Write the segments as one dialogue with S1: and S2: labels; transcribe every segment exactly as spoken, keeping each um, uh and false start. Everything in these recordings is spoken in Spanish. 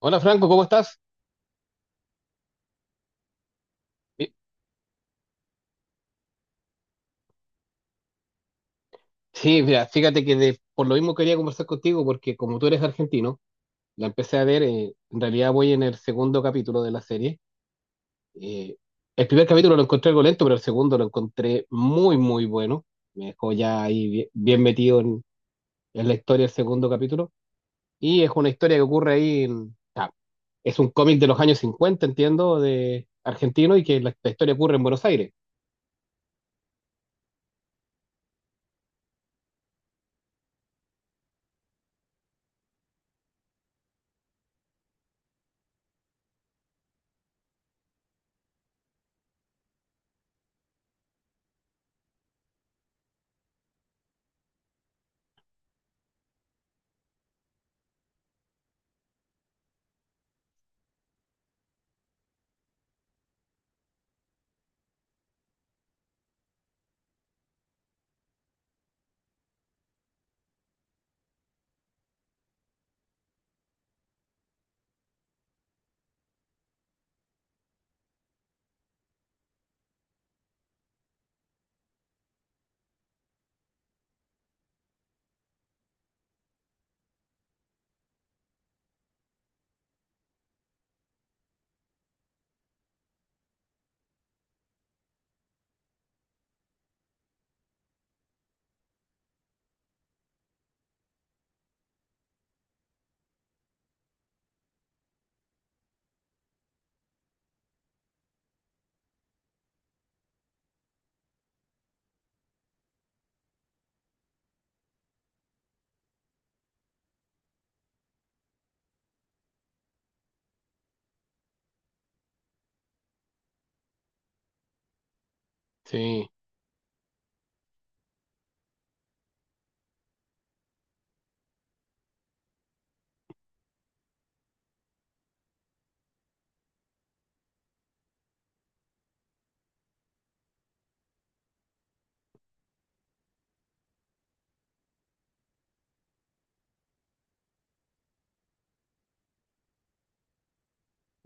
S1: Hola Franco, ¿cómo estás? Mi- Sí, mira, fíjate que de- por lo mismo quería conversar contigo porque como tú eres argentino, la empecé a ver, eh, en realidad voy en el segundo capítulo de la serie. Eh, el primer capítulo lo encontré algo lento, pero el segundo lo encontré muy, muy bueno. Me dejó ya ahí bien, bien metido en, en la historia del segundo capítulo. Y es una historia que ocurre ahí en... ah, es un cómic de los años cincuenta, entiendo, de argentino y que la la historia ocurre en Buenos Aires. Sí,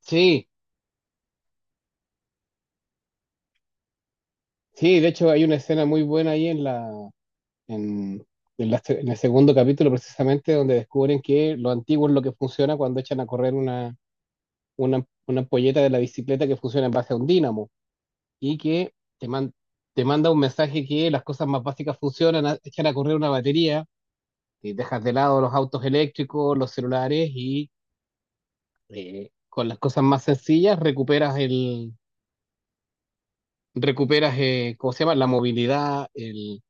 S1: sí, sí, de hecho hay una escena muy buena ahí en la, en, en la se- en el segundo capítulo precisamente donde descubren que lo antiguo es lo que funciona cuando echan a correr una, una, una ampolleta de la bicicleta que funciona en base a un dínamo y que te, man- te manda un mensaje que las cosas más básicas funcionan, a- echan a correr una batería, y dejas de lado los autos eléctricos, los celulares y eh, con las cosas más sencillas recuperas el... recuperas, eh, ¿cómo se llama? La movilidad, el,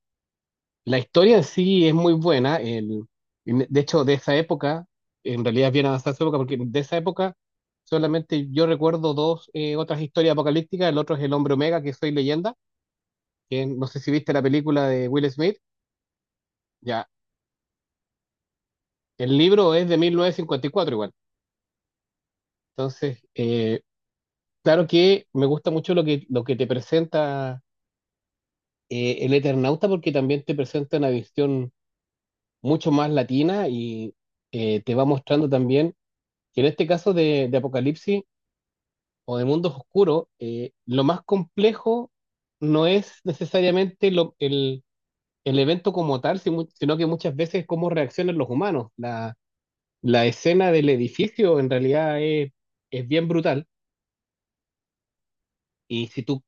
S1: la historia en sí es muy buena. El, en- de hecho, de esa época, en realidad es bien avanzada esa época, porque de esa época solamente yo recuerdo dos eh, otras historias apocalípticas. El otro es El Hombre Omega, que soy leyenda, que no sé si viste la película de Will Smith. Ya, el libro es de mil novecientos cincuenta y cuatro igual. Entonces, eh, claro que me gusta mucho lo que, lo que te presenta eh, el Eternauta, porque también te presenta una visión mucho más latina y eh, te va mostrando también que en este caso de, de Apocalipsis o de mundos oscuros, eh, lo más complejo no es necesariamente lo- el, el evento como tal, sino sino que muchas veces cómo reaccionan los humanos. La, la escena del edificio en realidad es, es bien brutal y si tú,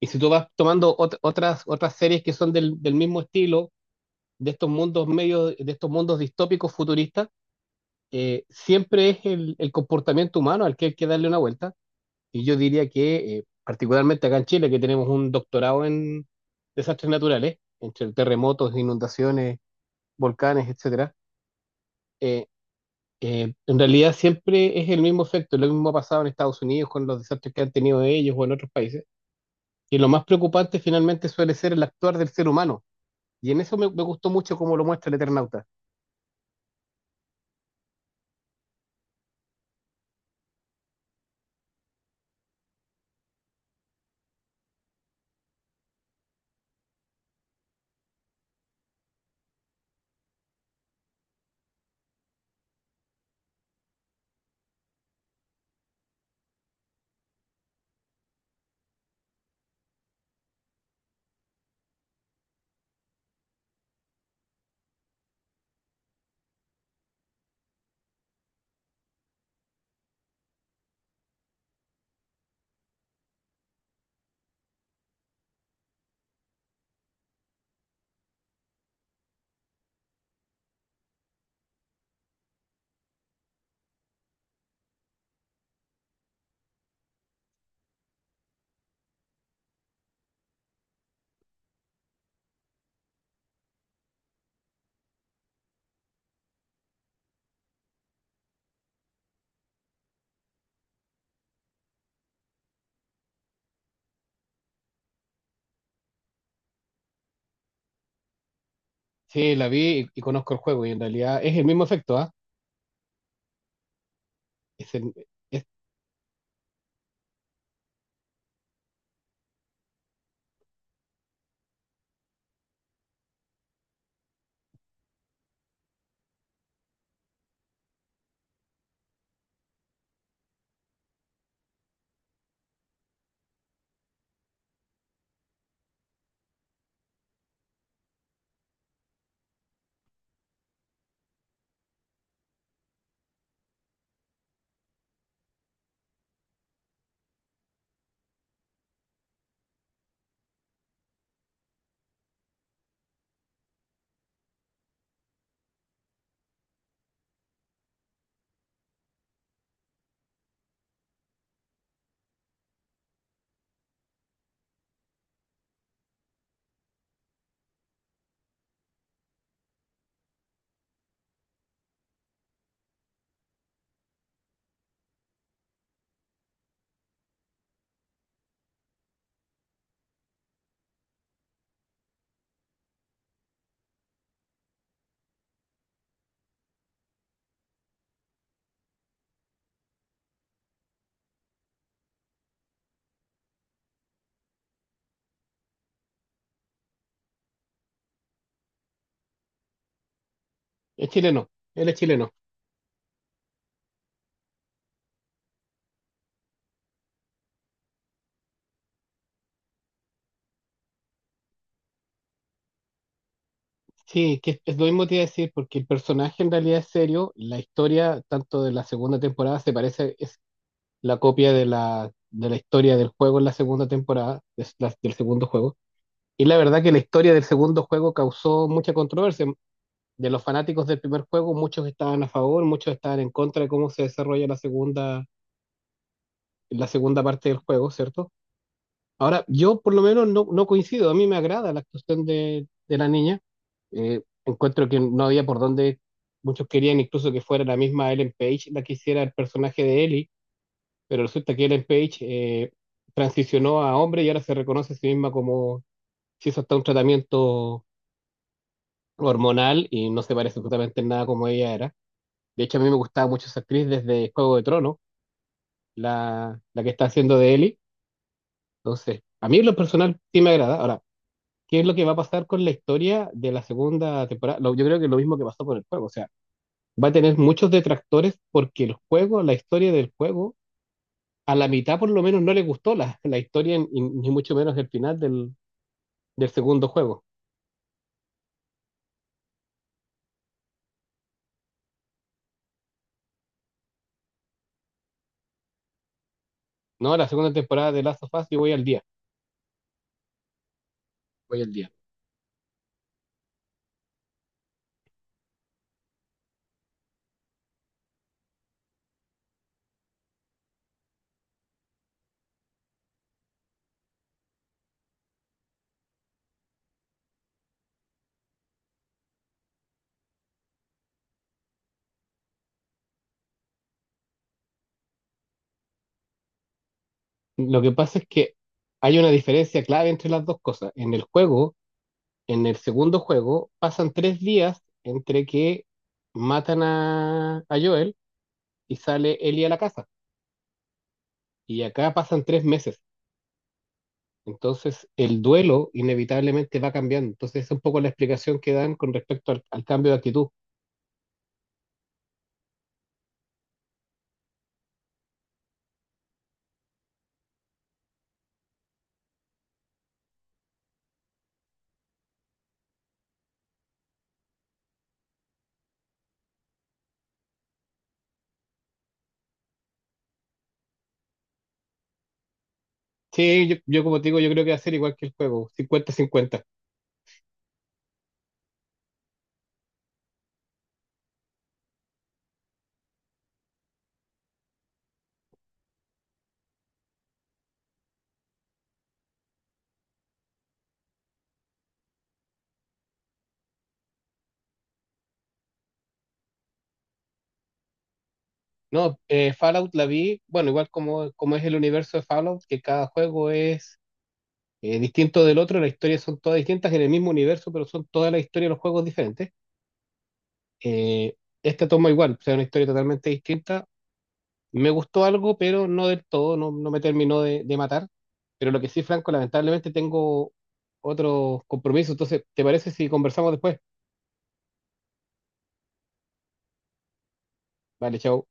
S1: y si tú vas tomando ot- otras, otras series que son del, del mismo estilo, de estos mundos medios, de estos mundos distópicos futuristas, eh, siempre es el, el comportamiento humano al que hay que darle una vuelta. Y yo diría que, eh, particularmente acá en Chile, que tenemos un doctorado en desastres naturales, entre terremotos, inundaciones, volcanes, etcétera, eh, eh, en realidad siempre es el mismo efecto. Lo mismo ha pasado en Estados Unidos con los desastres que han tenido ellos o en otros países. Y lo más preocupante finalmente suele ser el actuar del ser humano. Y en eso me, me gustó mucho cómo lo muestra el Eternauta. Sí, la vi y, y conozco el juego y en realidad es el mismo efecto, ¿ah? Es, el- es, es chileno, él es chileno. Sí, que es, es lo mismo que te iba a decir, porque el personaje en realidad es serio, la historia, tanto de la segunda temporada, se parece, es la copia de la, de la historia del juego en la segunda temporada, es la- del segundo juego. Y la verdad que la historia del segundo juego causó mucha controversia. De los fanáticos del primer juego, muchos estaban a favor, muchos estaban en contra de cómo se desarrolla la segunda, la segunda parte del juego, ¿cierto? Ahora, yo por lo menos no, no coincido, a mí me agrada la actuación de, de la niña. Eh, encuentro que no había por dónde, muchos querían incluso que fuera la misma Ellen Page la que hiciera el personaje de Ellie, pero resulta que Ellen Page eh, transicionó a hombre y ahora se reconoce a sí misma como si hizo hasta un tratamiento hormonal y no se parece absolutamente en nada como ella era. De hecho, a mí me gustaba mucho esa actriz desde Juego de Tronos, la, la que está haciendo de Ellie. Entonces, a mí en lo personal sí me agrada. Ahora, qué es lo que va a pasar con la historia de la segunda temporada. Lo- yo creo que lo mismo que pasó con el juego, o sea, va a tener muchos detractores porque el juego, la historia del juego, a la mitad por lo menos no le gustó la, la historia y- ni mucho menos el final del, del segundo juego. No, la segunda temporada de Last of Us, yo voy al día, voy al día. Lo que pasa es que hay una diferencia clave entre las dos cosas. En el juego, en el segundo juego, pasan tres días entre que matan a, a Joel y sale Ellie a la casa. Y acá pasan tres meses. Entonces, el duelo inevitablemente va cambiando. Entonces, es un poco la explicación que dan con respecto al, al cambio de actitud. Sí, yo, yo como te digo, yo creo que va a ser igual que el juego, cincuenta cincuenta. No, eh, Fallout la vi, bueno, igual como, como es el universo de Fallout, que cada juego es eh, distinto del otro, las historias son todas distintas en el mismo universo, pero son todas las historias de los juegos diferentes. Eh, Esta toma igual, o sea, una historia totalmente distinta, me gustó algo, pero no del todo, no, no me terminó de, de matar. Pero lo que sí, Franco, lamentablemente tengo otro compromiso. Entonces, ¿te parece si conversamos después? Vale, chao.